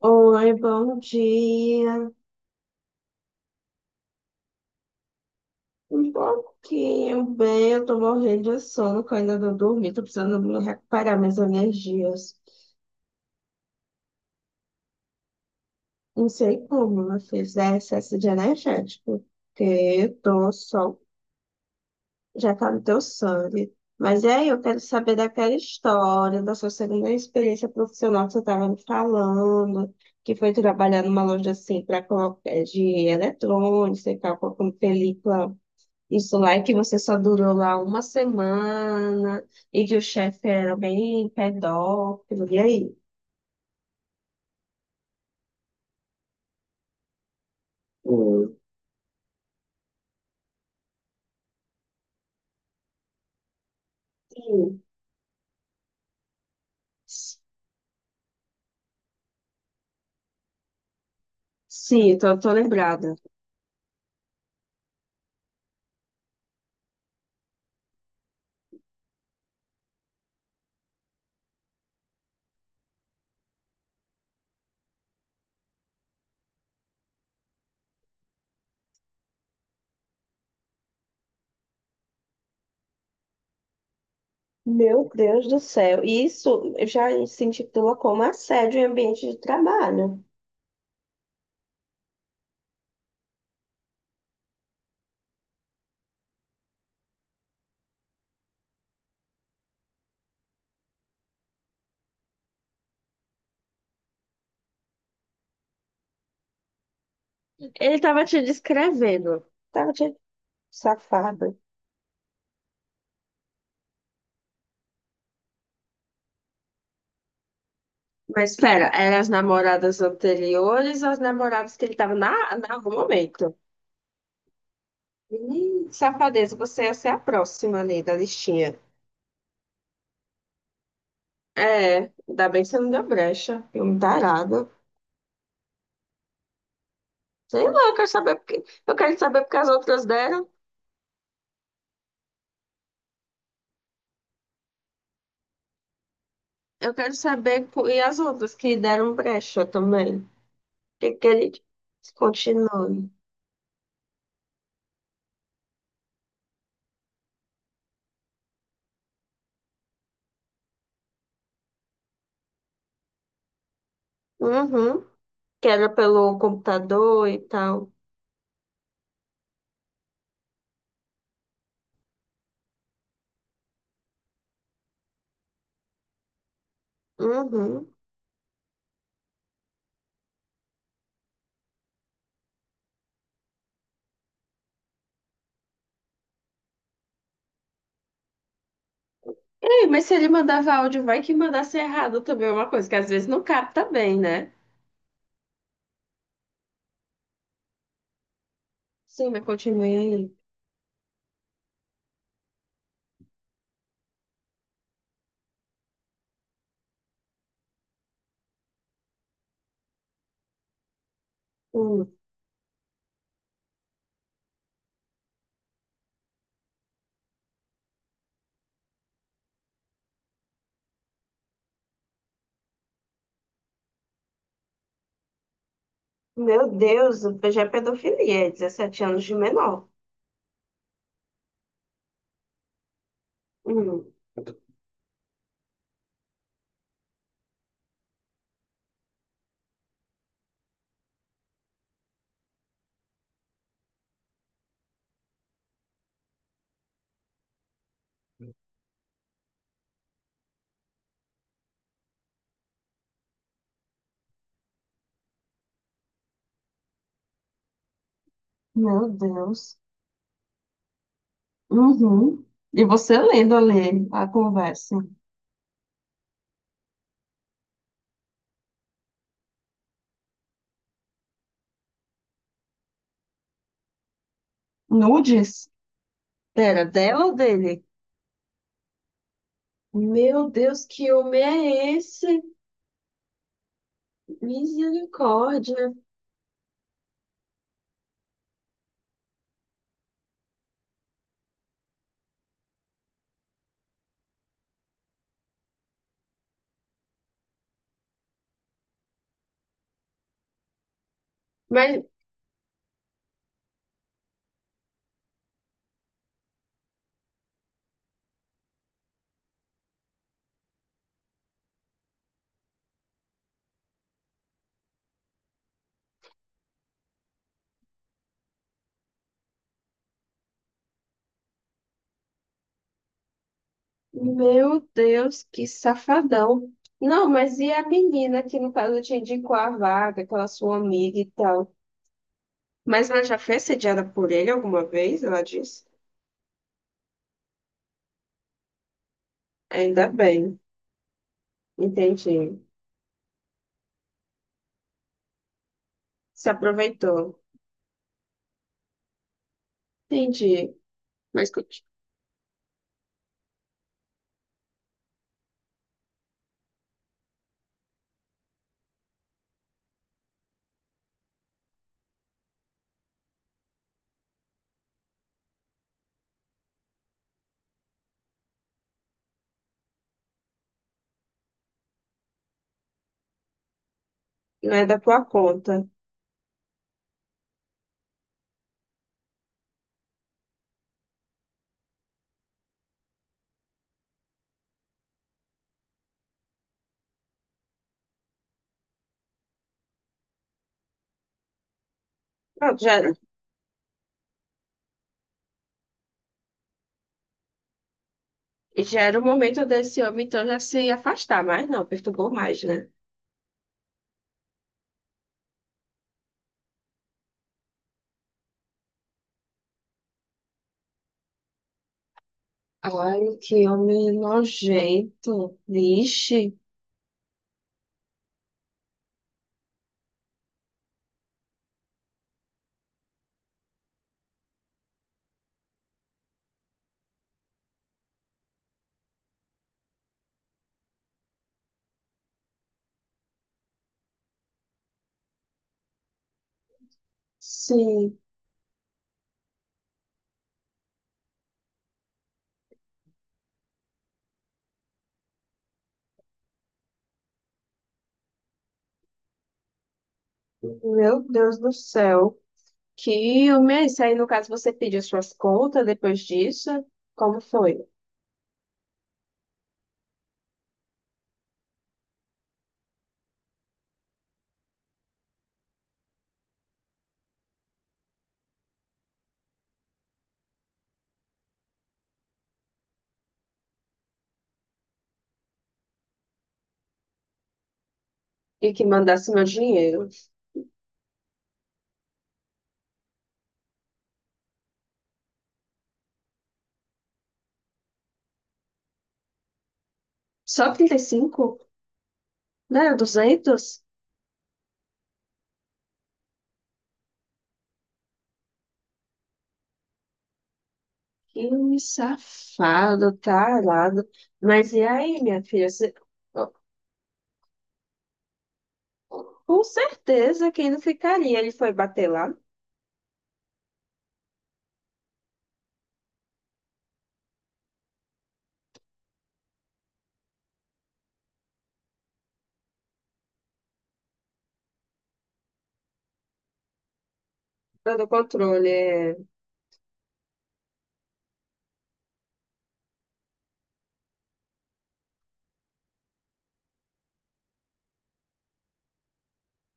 Oi, bom dia. Um pouquinho bem, eu tô morrendo de sono, que eu ainda não dormi, tô precisando me recuperar minhas energias. Não sei como eu fiz é excesso de energético, porque eu tô só, já tá no teu sangue. Mas e aí, eu quero saber daquela história, da sua segunda experiência profissional que você estava me falando, que foi trabalhar numa loja assim, para colocar de eletrônicos e tal, com película. Isso lá é que você só durou lá uma semana e que o chefe era bem pedófilo. E aí? Hum. Sim. Tô lembrada. Meu Deus do céu. E isso já se intitula como assédio em ambiente de trabalho. Ele tava te descrevendo. Tava de safada. Mas espera, eram as namoradas anteriores ou as namoradas que ele tava no momento? Ih, safadeza, você ia ser a próxima ali da listinha. É, ainda bem que você não deu brecha. Eu me tarada. Sei lá, eu quero saber porque. Eu quero saber porque as outras deram. Eu quero saber por... e as outras que deram brecha também. Que ele continue. Uhum. Que era pelo computador e tal. Uhum. Ei, mas se ele mandava áudio, vai que mandasse errado também, é uma coisa que às vezes não capta bem, né? Sim, mas continue aí. Hum. Meu Deus, já é pedofilia, é 17 anos de menor. Hum. Meu Deus. Uhum. E você lendo ali a conversa. Nudes? Pera, dela ou dele? Meu Deus, que homem é esse? Misericórdia. Mas, meu Deus, que safadão. Não, mas e a menina que, no caso, te indicou a vaga, aquela sua amiga e tal? Mas ela já foi sediada por ele alguma vez? Ela disse? Ainda bem. Entendi. Se aproveitou. Entendi. Mas conti- não é da tua conta. Pronto, já, e já era o momento desse homem, então, já se afastar, mas não, perturbou mais, né? Ai, que homem nojento. Vixe. Sim. Meu Deus do céu. Que homem é esse? Aí, no caso, você pediu suas contas depois disso? Como foi? E que mandasse meu dinheiro. Só 35. Né? 200. Que homem safado, tarado. Mas e aí, minha filha? Você- com certeza que ele não ficaria. Ele foi bater lá. Fora do controle. É.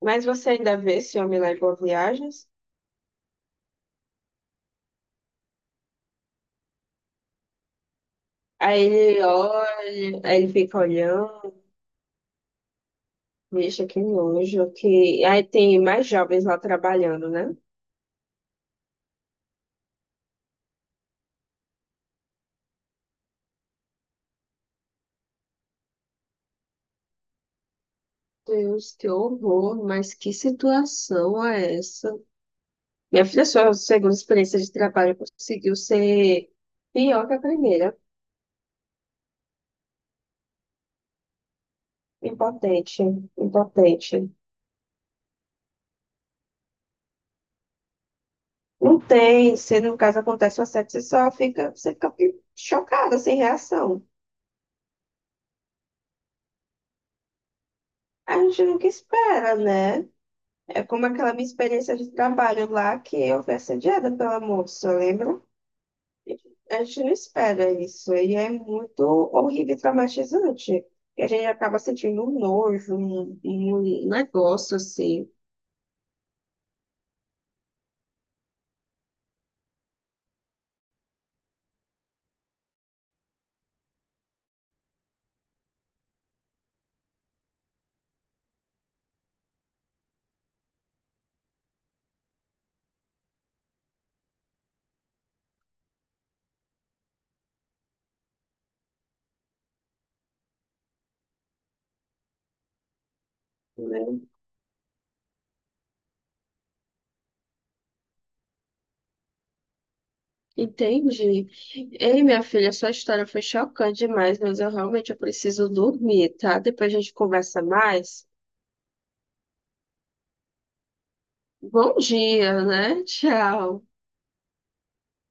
Mas você ainda vê esse homem lá em Boas Viagens? Aí ele olha, aí ele fica olhando, bicho, que nojo, que... Aí tem mais jovens lá trabalhando, né? Deus, que horror, mas que situação é essa? Minha filha, sua segunda experiência de trabalho conseguiu ser pior que a primeira. Impotente, impotente. Não tem, se no caso acontece um assédio, você só fica, você fica chocada, sem reação. A gente nunca espera, né? É como aquela minha experiência de trabalho lá que eu fui assediada pela moça, lembra? A gente não espera isso, e é muito horrível e traumatizante. E a gente acaba sentindo um nojo, um negócio assim, né? Entendi. Ei, minha filha, sua história foi chocante demais, mas eu realmente eu preciso dormir, tá? Depois a gente conversa mais. Bom dia, né? Tchau.